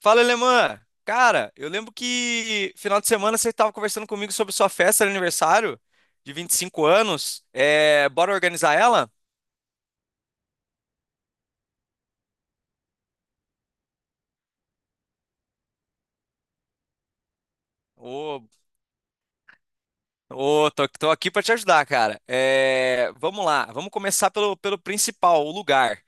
Fala, Alemã! Cara, eu lembro que final de semana você estava conversando comigo sobre sua festa de aniversário de 25 anos. Bora organizar ela? Ô, tô aqui para te ajudar, cara. Vamos lá, vamos começar pelo principal, o lugar.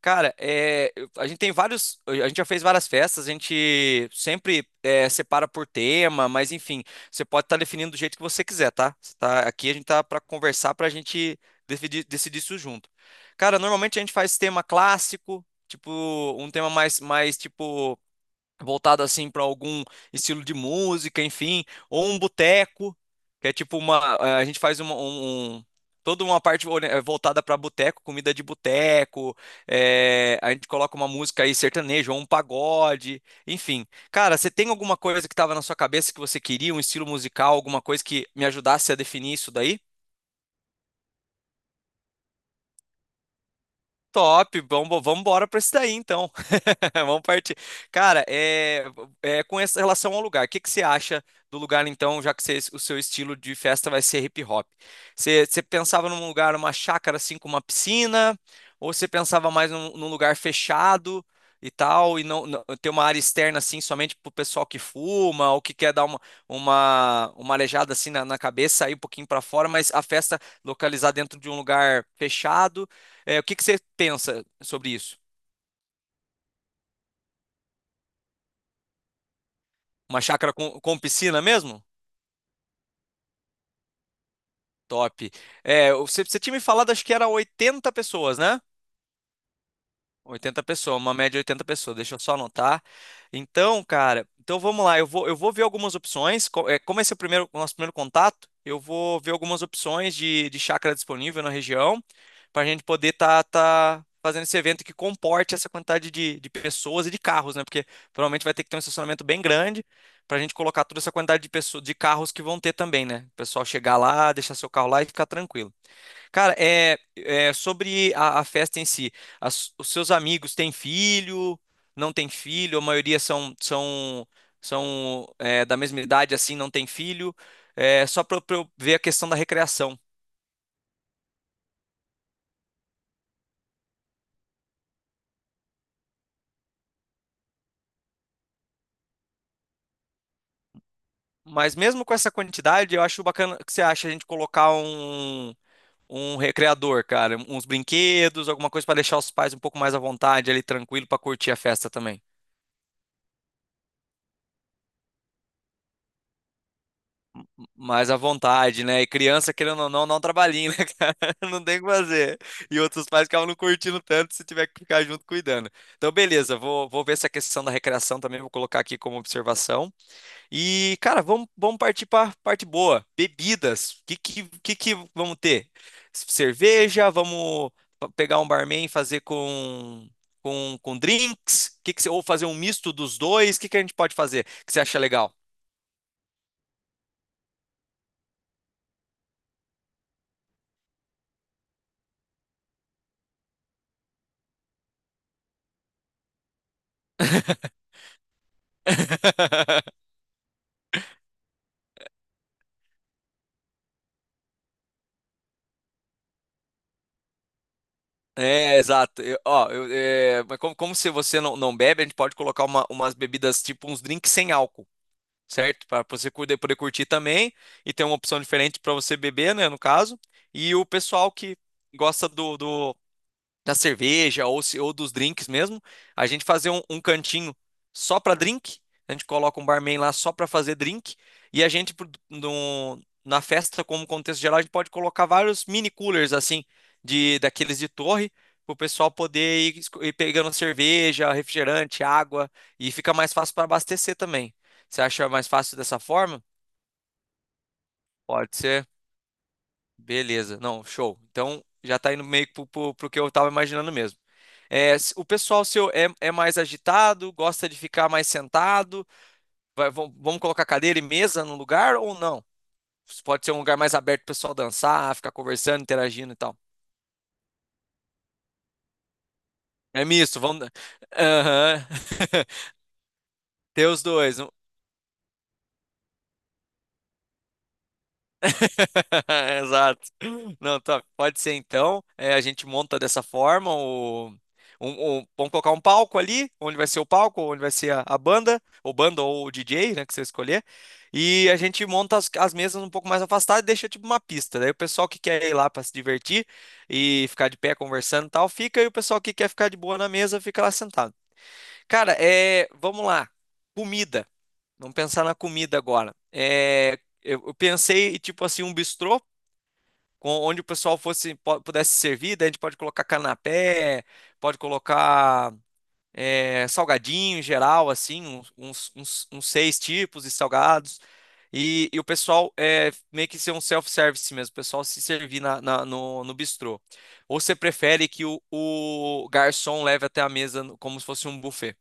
Cara, a gente tem vários. A gente já fez várias festas, a gente sempre separa por tema, mas enfim, você pode estar definindo do jeito que você quiser, tá? Aqui a gente tá para conversar, pra gente decidir isso junto. Cara, normalmente a gente faz tema clássico, tipo, um tema mais tipo voltado assim para algum estilo de música, enfim, ou um boteco, que é tipo a gente faz toda uma parte voltada para boteco, comida de boteco, a gente coloca uma música aí sertaneja ou um pagode, enfim. Cara, você tem alguma coisa que estava na sua cabeça que você queria, um estilo musical, alguma coisa que me ajudasse a definir isso daí? Top, vamos embora para isso daí então. Vamos partir. Cara, com essa relação ao lugar, o que que você acha do lugar então, já que o seu estilo de festa vai ser hip hop? Você pensava num lugar, uma chácara assim com uma piscina, ou você pensava mais num lugar fechado e tal, e não ter uma área externa assim somente pro pessoal que fuma ou que quer dar uma aleijada assim na cabeça, sair um pouquinho para fora, mas a festa localizar dentro de um lugar fechado? É, o que que você pensa sobre isso? Uma chácara com piscina mesmo? Top. É, você tinha me falado, acho que era 80 pessoas, né? 80 pessoas, uma média de 80 pessoas, deixa eu só anotar. Então, cara, então vamos lá, eu vou ver algumas opções. Como esse é o nosso primeiro contato, eu vou ver algumas opções de chácara disponível na região, para a gente poder tá fazendo esse evento que comporte essa quantidade de pessoas e de carros, né? Porque provavelmente vai ter que ter um estacionamento bem grande para a gente colocar toda essa quantidade de pessoas, de carros que vão ter também, né? O pessoal chegar lá, deixar seu carro lá e ficar tranquilo. Cara, é sobre a festa em si. Os seus amigos têm filho? Não têm filho? A maioria são da mesma idade, assim, não tem filho. É só para eu ver a questão da recreação. Mas mesmo com essa quantidade, eu acho bacana. O que você acha a gente colocar um recreador, cara, uns brinquedos, alguma coisa para deixar os pais um pouco mais à vontade, ali tranquilo para curtir a festa também. Mais à vontade, né? E criança, querendo ou não, dá um trabalhinho, né, cara? Não tem o que fazer. E outros pais ficavam não curtindo tanto se tiver que ficar junto cuidando. Então, beleza, vou ver essa questão da recreação também, vou colocar aqui como observação. E, cara, vamos partir para parte boa. Bebidas. O que vamos ter? Cerveja, vamos pegar um barman e fazer com drinks? Ou fazer um misto dos dois? O que a gente pode fazer que você acha legal? É, exato. Mas como se você não bebe, a gente pode colocar umas bebidas, tipo uns drinks sem álcool, certo? Para você poder curtir também e ter uma opção diferente para você beber, né, no caso. E o pessoal que gosta do da cerveja ou, se- ou dos drinks mesmo, a gente fazer um cantinho só para drink. A gente coloca um barman lá só para fazer drink. E a gente, na festa, como contexto geral, a gente pode colocar vários mini coolers, assim, daqueles de torre, para o pessoal ir pegando cerveja, refrigerante, água. E fica mais fácil para abastecer também. Você acha mais fácil dessa forma? Pode ser. Beleza, não, show. Então já tá indo meio que pro que eu tava imaginando mesmo. O pessoal seu é mais agitado, gosta de ficar mais sentado? Vamos colocar cadeira e mesa no lugar ou não? Pode ser um lugar mais aberto pro pessoal dançar, ficar conversando, interagindo e tal. É misto, vamos. Aham. Ter os dois. Exato. Não, tá. Pode ser então. É, a gente monta dessa forma. Vamos colocar um palco ali, onde vai ser o palco, onde vai ser a banda, ou banda ou o DJ, né, que você escolher. E a gente monta as mesas um pouco mais afastadas e deixa tipo uma pista. Daí o pessoal que quer ir lá para se divertir e ficar de pé conversando e tal, fica. E o pessoal que quer ficar de boa na mesa fica lá sentado. Cara, é, vamos lá. Comida. Vamos pensar na comida agora. Eu pensei, tipo assim, um bistrô onde o pessoal pudesse servir, daí a gente pode colocar canapé, pode colocar salgadinho em geral, assim, uns seis tipos de salgados. E o pessoal meio que ser um self-service mesmo, o pessoal se servir no bistrô. Ou você prefere que o garçom leve até a mesa como se fosse um buffet?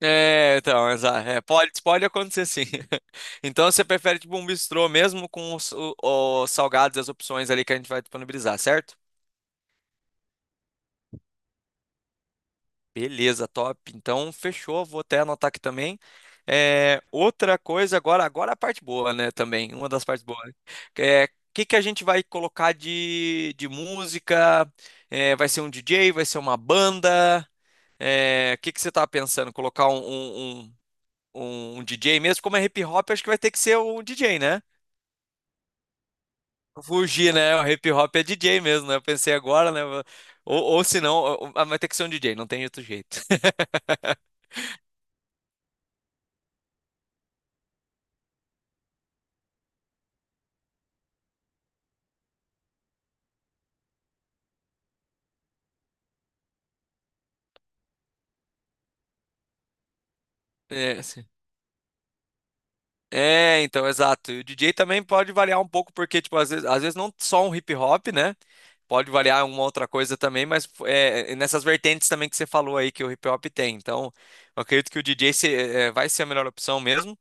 É, então, exato. É, pode acontecer sim. Então você prefere tipo um bistrô mesmo com os salgados e as opções ali que a gente vai disponibilizar, certo? Beleza, top. Então fechou, vou até anotar aqui também. É, outra coisa agora, agora a parte boa, né, também, uma das partes boas. É, o que que a gente vai colocar de música? É, vai ser um DJ, vai ser uma banda? É, o que que você tá pensando? Colocar um DJ mesmo, como é hip hop, acho que vai ter que ser um DJ, né? Fugir, né? O hip hop é DJ mesmo, né? Eu pensei agora, né? Ou se não, ou- ah, Vai ter que ser um DJ, não tem outro jeito. É, assim. É, então, exato. E o DJ também pode variar um pouco, porque, tipo, às vezes não só um hip hop, né? Pode variar uma outra coisa também, mas nessas vertentes também que você falou aí que o hip hop tem. Então, eu acredito que o DJ vai ser a melhor opção mesmo.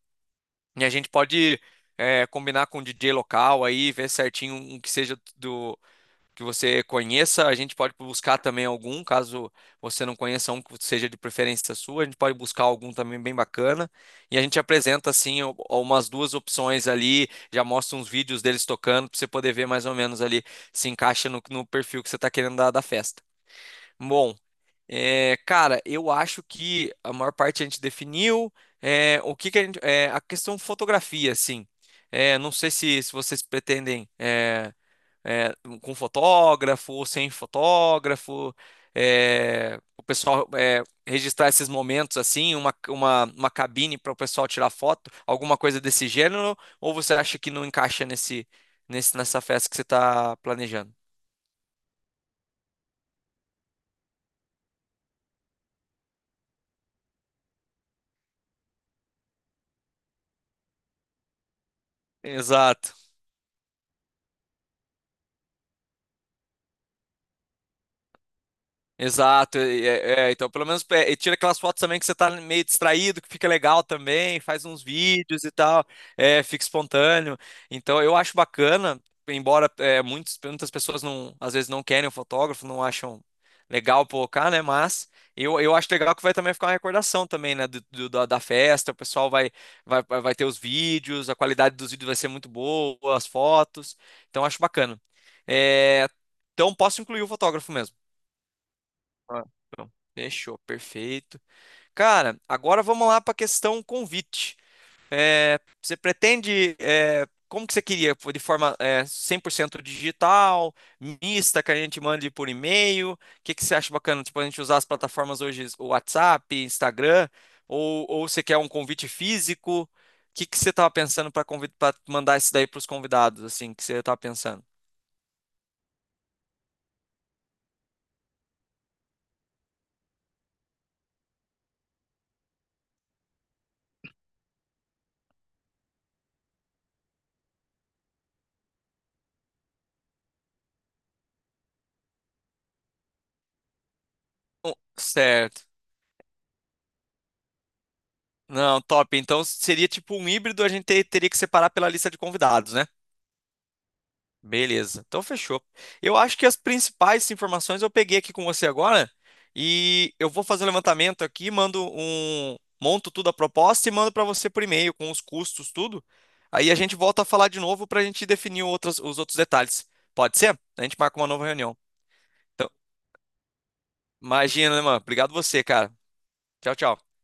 E a gente pode combinar com o DJ local aí, ver certinho um que seja do que você conheça. A gente pode buscar também algum, caso você não conheça um que seja de preferência sua, a gente pode buscar algum também bem bacana. E a gente apresenta assim umas duas opções ali, já mostra uns vídeos deles tocando para você poder ver mais ou menos ali se encaixa no perfil que você está querendo dar da festa. Bom, é, cara, eu acho que a maior parte a gente definiu é, o que que a gente, é, a questão fotografia, assim. É, não sei se vocês pretendem é, com fotógrafo ou sem fotógrafo, é, o pessoal é, registrar esses momentos assim, uma cabine para o pessoal tirar foto, alguma coisa desse gênero, ou você acha que não encaixa nessa festa que você está planejando? Exato. Exato, então pelo menos é, e tira aquelas fotos também que você tá meio distraído, que fica legal também, faz uns vídeos e tal, é, fica espontâneo. Então eu acho bacana, embora é, muitas pessoas não, às vezes não querem o fotógrafo, não acham legal colocar, né? Mas eu acho legal que vai também ficar uma recordação também, né? Da festa, o pessoal vai ter os vídeos, a qualidade dos vídeos vai ser muito boa, as fotos, então eu acho bacana. É, então posso incluir o fotógrafo mesmo. Ah, então, fechou, perfeito. Cara, agora vamos lá para a questão convite. É, você pretende, é, como que você queria? De forma, é, 100% digital, mista, que a gente mande por e-mail? O que que você acha bacana? Tipo, a gente usar as plataformas hoje, o WhatsApp, Instagram, ou você quer um convite físico? O que que você estava pensando para mandar isso daí para os convidados, assim, que você estava pensando? Certo. Não, top. Então seria tipo um híbrido, a gente teria que separar pela lista de convidados, né? Beleza. Então fechou. Eu acho que as principais informações eu peguei aqui com você agora e eu vou fazer um levantamento aqui, monto tudo a proposta e mando para você por e-mail com os custos, tudo. Aí a gente volta a falar de novo para a gente definir os outros detalhes. Pode ser? A gente marca uma nova reunião. Então, imagina, né, mano? Obrigado você, cara. Tchau, tchau.